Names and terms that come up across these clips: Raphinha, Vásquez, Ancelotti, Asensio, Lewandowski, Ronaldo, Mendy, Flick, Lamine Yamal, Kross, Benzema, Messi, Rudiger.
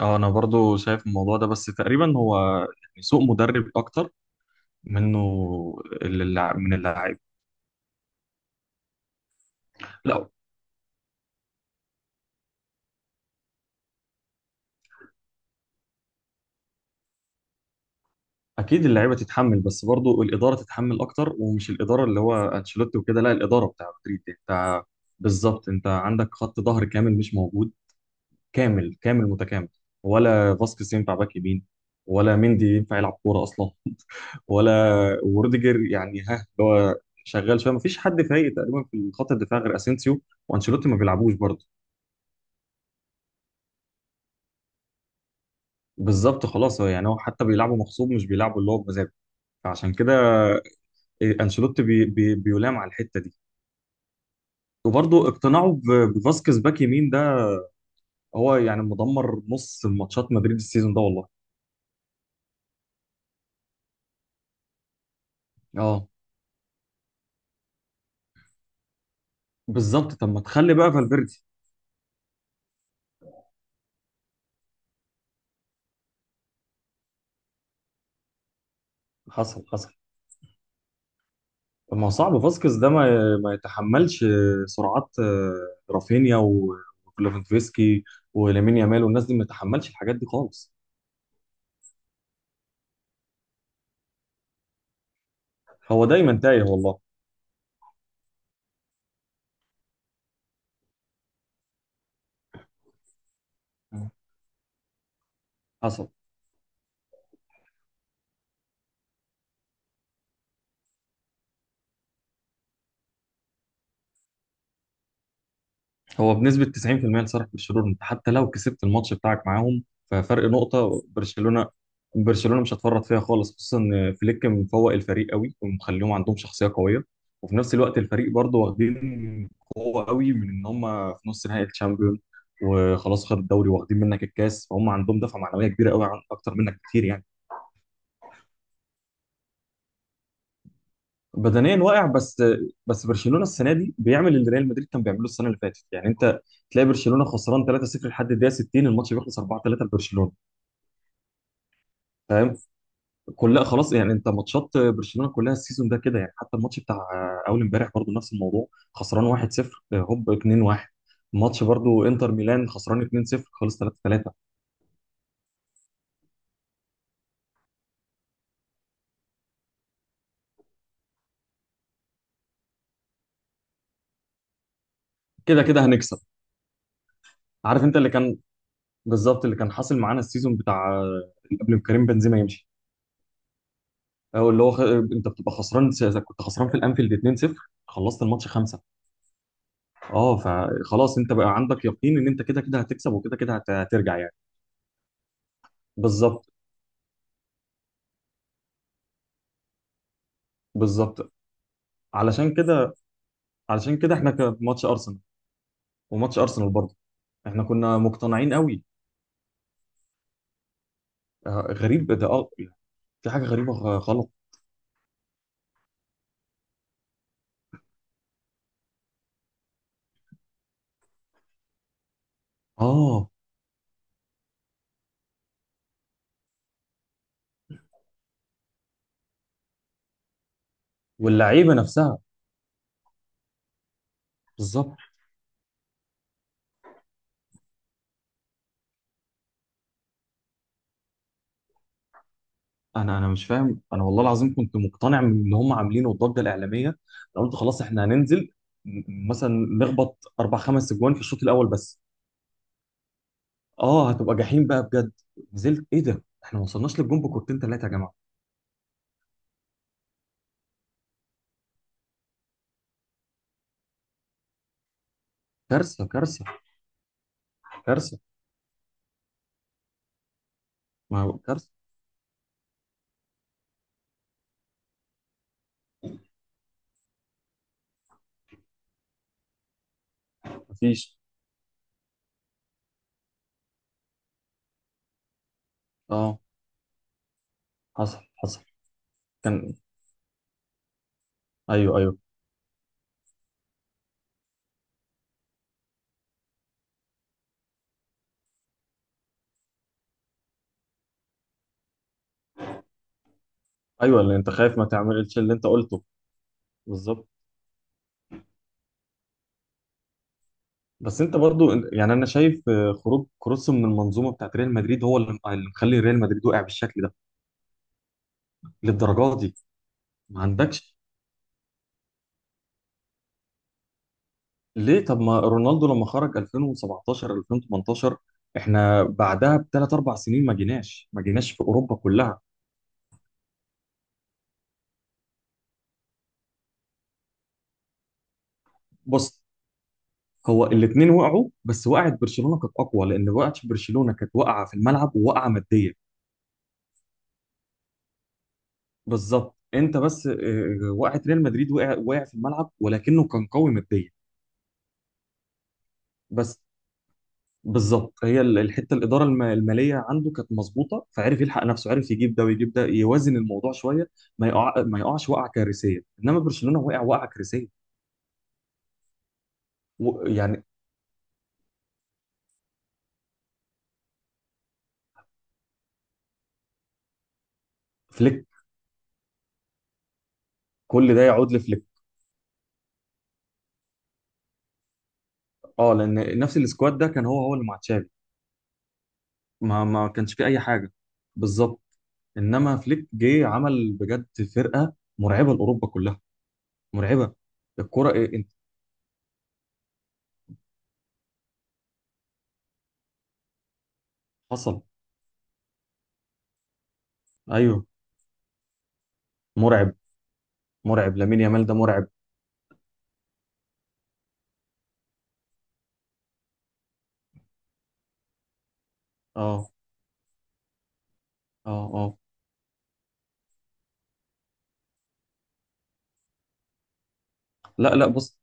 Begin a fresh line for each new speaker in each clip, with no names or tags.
اه، انا برضو شايف الموضوع ده، بس تقريبا هو يعني سوء مدرب اكتر منه. من اللاعب. لا، اكيد اللعيبه تتحمل، بس برضو الاداره تتحمل اكتر، ومش الاداره اللي هو انشيلوتي وكده. لا، الاداره بتاع مدريد انت. بالظبط، انت عندك خط ظهر كامل مش موجود. كامل كامل متكامل، ولا فاسكيز ينفع باك يمين، ولا مندي ينفع يلعب كوره اصلا، ولا وروديجر يعني ها اللي هو شغال شويه. مفيش حد فايق تقريبا في خط الدفاع غير اسينسيو، وانشيلوتي ما بيلعبوش برضه. بالظبط خلاص، هو يعني هو حتى بيلعبوا مغصوب، مش بيلعبوا اللي هو بمزاجه. فعشان كده انشيلوتي بي بي بيلام على الحته دي. وبرضه اقتناعه بفاسكيز باك يمين ده هو يعني مدمر نص ماتشات مدريد السيزون ده والله. اه بالظبط، طب ما تخلي بقى فالفيردي. حصل حصل. ما هو صعب فاسكيز ده ما يتحملش سرعات رافينيا وليفاندوفسكي ولامين يامال، والناس دي ما يتحملش الحاجات دي خالص. هو دايما تايه والله. حصل. هو بنسبة 90% لصالح برشلونة، انت حتى لو كسبت الماتش بتاعك معاهم ففرق نقطة. برشلونة، برشلونة مش هتفرط فيها خالص، خصوصا ان فليك مفوق الفريق قوي ومخليهم عندهم شخصية قوية. وفي نفس الوقت الفريق برضه واخدين قوة قوي من ان هم في نص نهائي الشامبيون، وخلاص خد الدوري واخدين منك الكاس، فهم عندهم دفعة معنوية كبيرة قوي اكتر منك كتير يعني. بدنيا واقع، بس بس برشلونه السنه دي بيعمل اللي ريال مدريد كان بيعمله السنه اللي فاتت. يعني انت تلاقي برشلونه خسران 3-0 لحد الدقيقه 60 الماتش بيخلص 4-3 لبرشلونه. فاهم، كلها خلاص يعني. انت ماتشات برشلونه كلها السيزون ده كده، يعني حتى الماتش بتاع اول امبارح برضو نفس الموضوع، خسران 1-0 هوب 2-1. ماتش برضو انتر ميلان خسران 2-0 خلص 3-3. كده كده هنكسب. عارف انت اللي كان، بالظبط اللي كان حاصل معانا السيزون بتاع قبل ما كريم بنزيما يمشي، او اللي هو انت بتبقى خسران، كنت خسران في الانفيلد 2-0 خلصت الماتش 5. اه فخلاص انت بقى عندك يقين ان انت كده كده هتكسب، وكده كده هترجع يعني. بالظبط. بالظبط. علشان كده، علشان كده احنا كان في ماتش ارسنال، وماتش ارسنال برضه احنا كنا مقتنعين قوي. غريب ده اه، في حاجه غريبه غلط. اه، واللعيبه نفسها، بالظبط. انا مش فاهم، انا والله العظيم كنت مقتنع من اللي هم عاملينه الضجه الاعلاميه. انا قلت خلاص احنا هننزل مثلا نخبط اربع خمس اجوان في الشوط الاول بس. اه هتبقى جحيم بقى بجد. نزلت ايه ده؟ احنا ما وصلناش للجون بكورتين ثلاثه يا جماعه. كارثه كارثه كارثه. ما هو كارثه. مفيش. اه حصل حصل كان. ايوه ايوه ايوه، اللي انت خايف ما تعملش اللي انت قلته. بالظبط. بس انت برضو يعني انا شايف خروج كروس من المنظومه بتاعت ريال مدريد هو اللي مخلي ريال مدريد وقع بالشكل ده للدرجه دي. ما عندكش ليه؟ طب ما رونالدو لما خرج 2017 2018 احنا بعدها بثلاث اربع سنين ما جيناش، ما جيناش في اوروبا كلها. بص، هو الاثنين وقعوا، بس وقعت برشلونه كانت اقوى، لان وقعت برشلونه كانت واقعه في الملعب وواقعه ماديا. بالظبط، انت بس وقعت ريال مدريد، وقع في الملعب، ولكنه كان قوي ماديا. بس بالظبط، هي الحته الاداره الماليه عنده كانت مظبوطه، فعرف يلحق نفسه، عرف يجيب ده ويجيب ده، يوازن الموضوع شويه. ما يقعش وقعه كارثيه، انما برشلونه وقع وقعه كارثيه. يعني فليك، كل ده يعود لفليك. اه لان نفس السكواد ده كان هو هو اللي مع تشافي، ما كانش فيه اي حاجه. بالظبط. انما فليك جه عمل بجد فرقه مرعبه لاوروبا كلها. مرعبه. الكره إيه انت؟ حصل. ايوه مرعب. مرعب، لامين يامال ده مرعب. اه اه اه. لا لا. بص،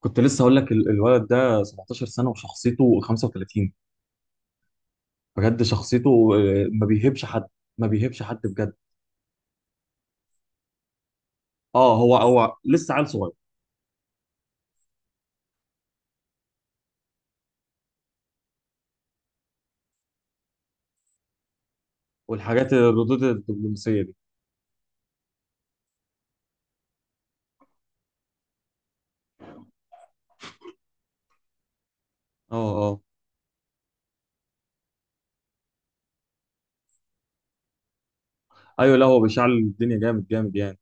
كنت لسه هقول لك الولد ده 17 سنة وشخصيته 35. بجد شخصيته ما بيهبش حد، ما بيهبش حد بجد. اه، هو هو لسه عيل صغير. والحاجات الردود الدبلوماسية دي. اه اه. ايوه لا، هو بيشعل الدنيا جامد جامد يعني.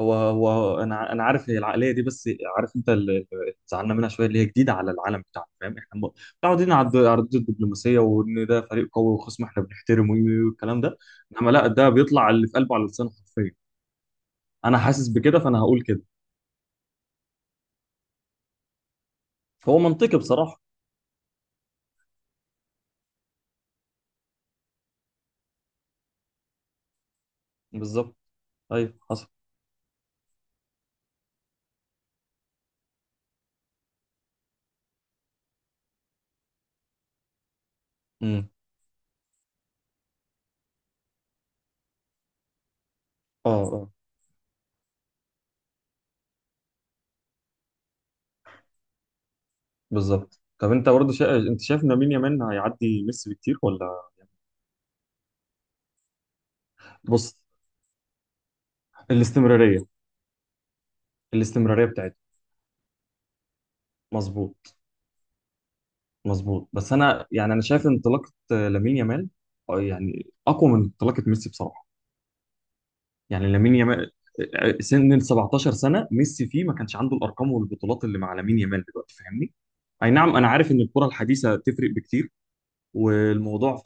هو هو، انا عارف هي العقلية دي، بس عارف انت اللي زعلنا منها شوية اللي هي جديدة على العالم بتاعنا. فاهم، احنا متعودين على على الردود الدبلوماسية، وان ده فريق قوي وخصم احنا بنحترمه والكلام ده. انما لا، ده بيطلع اللي في قلبه على لسانه حرفيا. انا حاسس بكده فانا هقول كده. هو منطقي بصراحة. بالظبط، ايوه حصل. امم اه اه، بالظبط. طب انت برضه انت شايف ان مين، يامال هيعدي ميسي بكتير ولا؟ بص، الاستمرارية، الاستمرارية بتاعته. مظبوط. مظبوط، بس انا يعني انا شايف انطلاقة لامين يامال يعني اقوى من انطلاقة ميسي بصراحة. يعني لامين يامال سن ال 17 سنة ميسي فيه ما كانش عنده الارقام والبطولات اللي مع لامين يامال دلوقتي، فاهمني؟ اي نعم انا عارف ان الكرة الحديثة تفرق بكتير. والموضوع،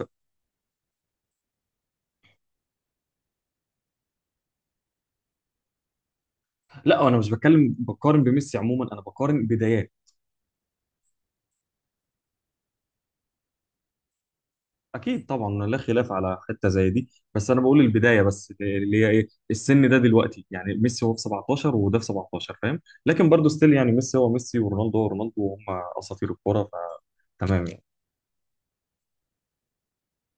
لا انا مش بتكلم بقارن بميسي عموما، انا بقارن بدايات. اكيد طبعا، لا خلاف على حته زي دي. بس انا بقول البدايه بس اللي هي ايه السن ده دلوقتي. يعني ميسي هو في 17 وده في 17 فاهم. لكن برضه ستيل يعني ميسي هو ميسي، ورونالدو هو رونالدو، وهم اساطير الكوره. فتمام يعني.